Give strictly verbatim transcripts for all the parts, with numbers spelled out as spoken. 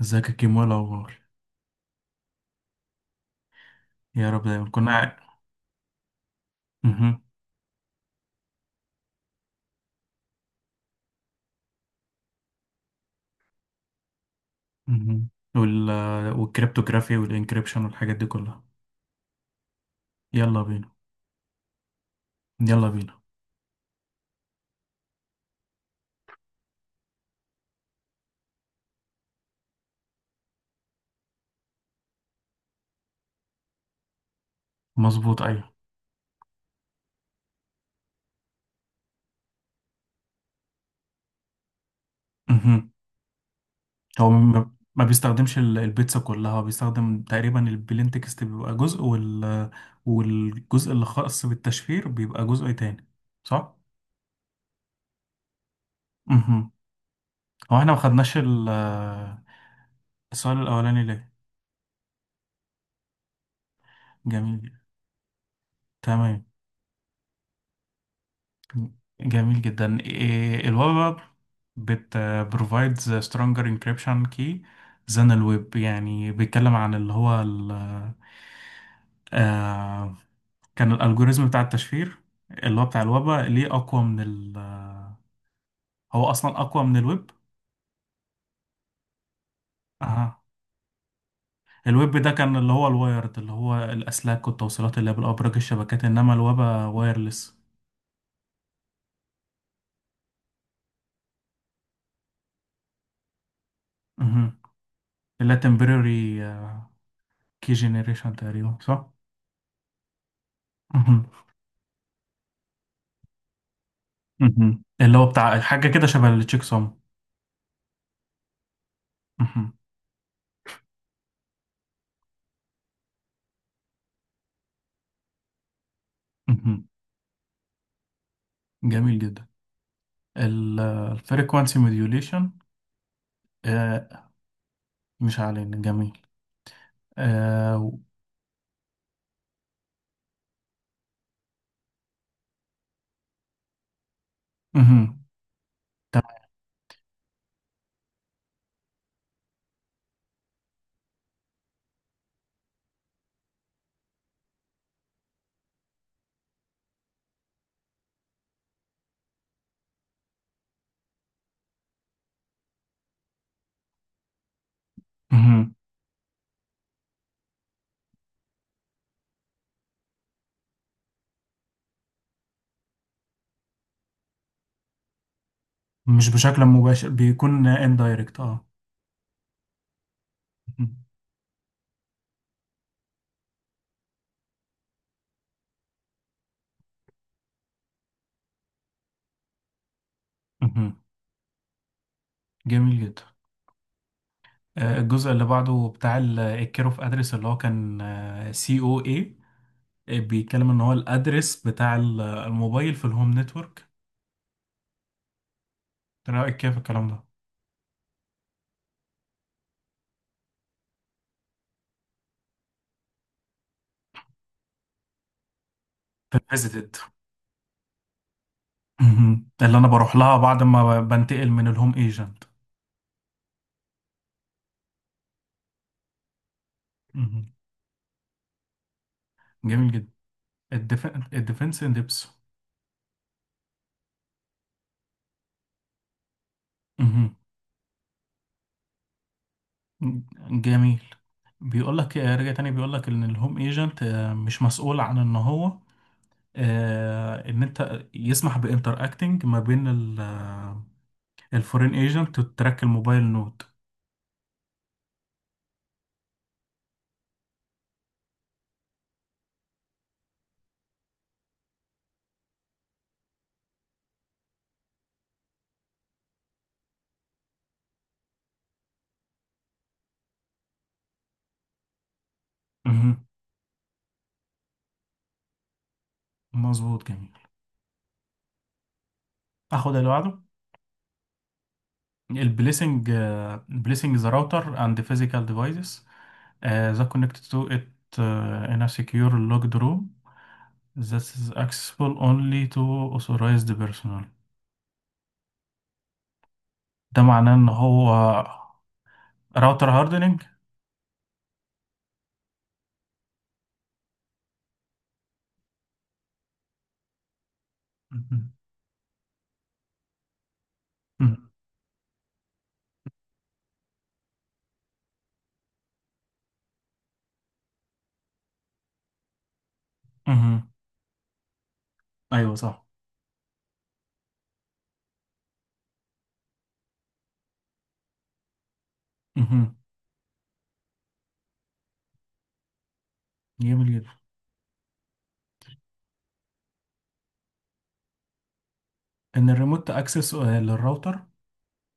ازيك يا كيمو؟ إيه الاخبار؟ يا رب دايما. كنا قاعد. مهم. مهم. وال والكريبتوغرافي والانكريبشن والحاجات دي كلها. يلا بينا، يلا بينا. مظبوط، ايوه. مهم. هو ما ما بيستخدمش ال- البيتزا كلها، هو بيستخدم تقريبا البلين تكست بيبقى جزء وال والجزء اللي خاص بالتشفير بيبقى جزء تاني، صح؟ مهم. هو احنا ما خدناش ال- السؤال الاولاني ليه؟ جميل. تمام. جميل جدا. إيه، ال Web App بت provides a stronger encryption key than ال Web. يعني بيتكلم عن اللي هو ال آه كان الالجوريزم بتاع التشفير، اللي هو بتاع الويب ليه اقوى من ال آه، هو اصلا اقوى من الويب. اها. الويب ده كان اللي هو الوايرد، اللي هو الاسلاك والتوصيلات اللي بالابراج، الشبكات، انما الويب وايرلس. مهم. اللي هي temporary آه، key generation تقريبا، صح؟ مهم. مهم. اللي هو بتاع حاجة كده شبه التشيك سوم. مهم. مهم. جميل جدا. الفريكوانسي موديوليشن. مش علينا، جميل. آه، و- مهم. مهم. مش بشكل مباشر، بيكون اندايركت، اه. مهم. مهم. جميل جدا. آه، الجزء اللي بعده بتاع الكير اوف ادرس اللي هو كان سي او اي، بيتكلم ان هو الادرس بتاع ال- الموبايل في الهوم نتورك. ايه رايك كيف الكلام ده؟ فيزيتد. مهم. اللي انا بروح لها بعد ما ب- بنتقل من الهوم ايجنت. مهم. جميل جدا. الديف... الديفنس ان ديبس. مهم. جميل. بيقول لك رجع تاني، بيقول لك ان الهوم ايجنت مش مسؤول عن ان هو، آه، ان انت يسمح بانتر اكتنج ما بين الفورين ايجنت وتراك الموبايل نود. مهم. مظبوط، جميل. اخد اللي بعده. البليسنج البليسنج ذا راوتر اند فيزيكال ديفايسز Uh, that connected to it uh, in a secure locked room that is accessible only to authorized personnel. ده معناه ان هو راوتر هاردنينج. مهم. مهم. مهم. ايوه، صح. مهم. جميل جدا. ان الريموت اكسس للراوتر،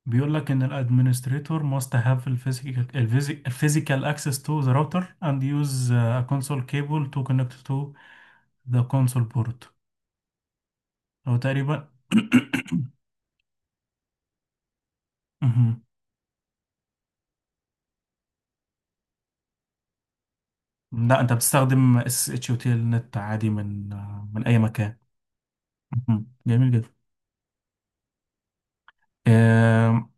بيقول لك ان الادمنستريتور must have the physical ال physi- physical access to the router and use uh, a console cable to connect to the console port. هو تقريبا. لا، انت بتستخدم اس اتش وتيل نت عادي من من اي مكان. مهم. جميل جدا. آم،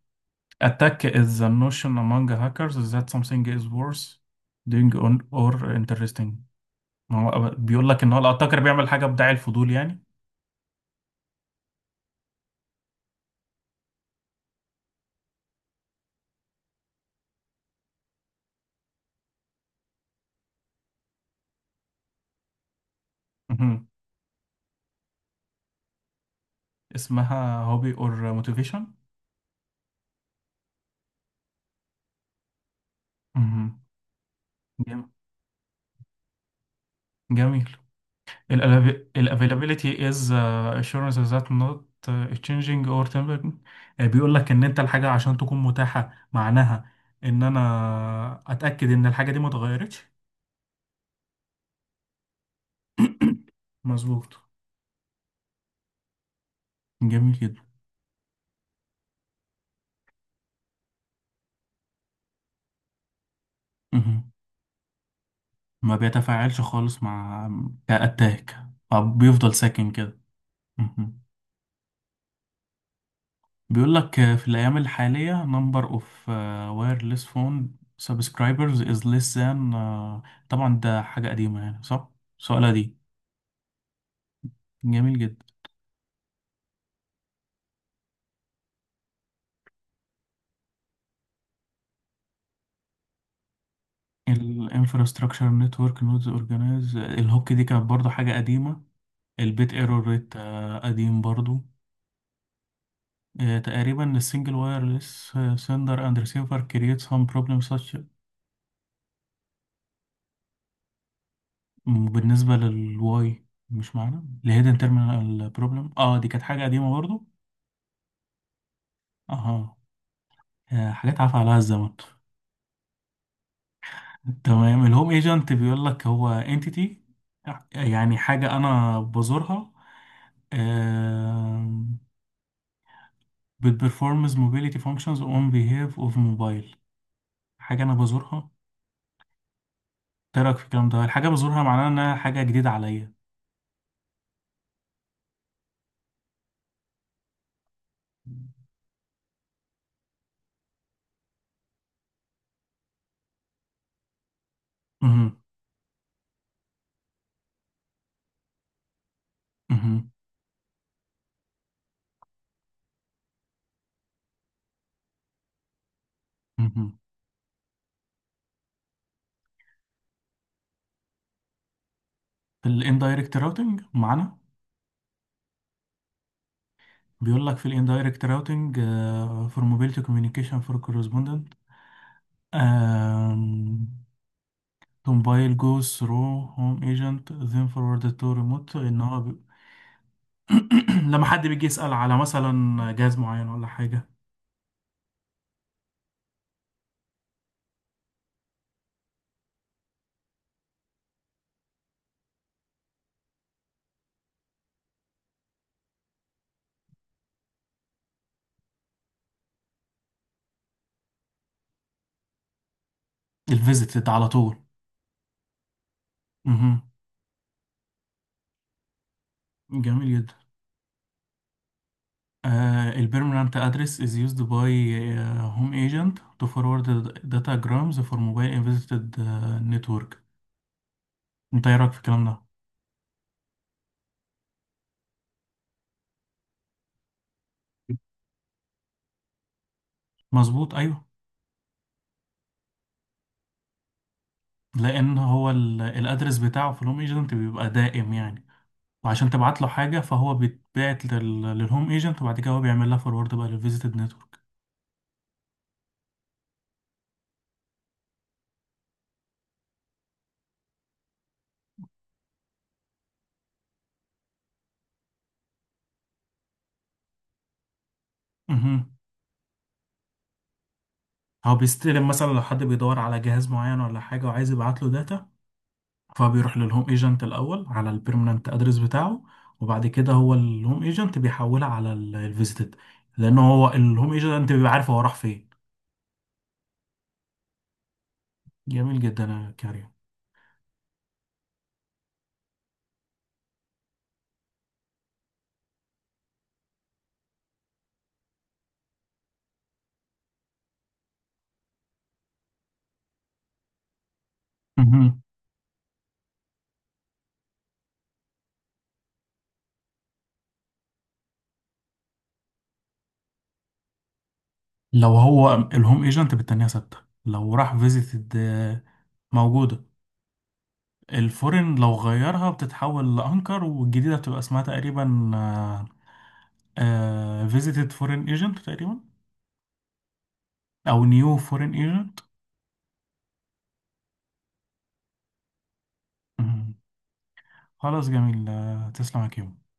attack is a notion among hackers that something is worth doing on or interesting. ما هو بيقول لك ان هو الاتاكر بيعمل حاجه بداعي الفضول يعني. مهم. اسمها هوبي اور موتيفيشن. مهم. جم- جميل. ال avail- ال availability is uh, assurance that not uh, changing or temporary. آه، بيقول لك ان انت الحاجة عشان تكون متاحة، معناها ان انا اتأكد ان الحاجة دي ما اتغيرتش. مظبوط. جميل جدا. مهم. ما بيتفاعلش خالص مع، كأتاك، أو بيفضل ساكن كده. مهم. بيقول لك آه، في الأيام الحالية number of آه، wireless phone subscribers is less than. آه، طبعا ده حاجة قديمة يعني، صح؟ سؤالها دي. جميل جدا. ال infrastructure network nodes organize. آه، الهوك دي كانت برضو حاجة قديمة. البيت ايرور ريت قديم برضو. آه، تقريبا السنجل وايرلس سندر اند ريسيفر كرييت سم بروبلم such. بالنسبة للواي، مش معنا الهيدن تيرمينال بروبلم، اه، دي كانت حاجة قديمة برضو. اها. آه، حاجات عفى عليها الزمن. تمام. الهوم ايجنت بيقول لك هو انتيتي، يعني حاجة انا بزورها، بتبرفورمز موبيليتي فانكشنز اون بيهاف اوف موبايل. حاجة انا بزورها. إيه رأيك في الكلام ده؟ الحاجة بزورها معناها انها حاجة جديدة عليا. مهم. مهم. مهم. في الاندايركت راوتنج معانا. بيقول لك في الاندايركت راوتنج فور موبيليتي كوميونيكيشن فور كورسبوندنت تومبايل جوز ثرو هوم ايجنت ذين فورورد تو ريموت، ان هو بي... لما حد بيجي يسأل على مثلا جهاز معين ولا حاجة، الفيزيتد على طول. مهم. جميل جدا. آه البيرمننت ادرس از يوزد باي هوم ايجنت تو فورورد داتا جرامز فور موبايل ان فيزيتد نتورك. انت ايه رايك في الكلام ده؟ مظبوط، ايوه. لان هو الادرس بتاعه في الهوم ايجنت بيبقى دائم يعني، وعشان تبعت له حاجة فهو بيتبعت لل... للهوم ايجنت، وبعد كده هو بيعمل لها فورورد بقى للفيزيتد نتورك. امم. هو بيستلم مثلا لو حد بيدور على جهاز معين ولا حاجة وعايز يبعت له داتا، فبيروح للهوم ايجنت الأول على البيرمننت ادرس بتاعه، وبعد كده هو الهوم ايجنت بيحولها على الفيزيتد، لأن هو الهوم ايجنت بيبقى عارف هو راح فين. جميل جدا يا كريم. مهم. لو هو الهوم ايجنت، بالتانية ثابتة. لو راح فيزيتد، موجودة. الفورن لو غيرها بتتحول لانكر، والجديده بتبقى اسمها تقريبا فيزيتد فورين ايجنت تقريبا، او نيو فورين ايجنت. خلاص، جميل. آه، تسلم يا كيمو.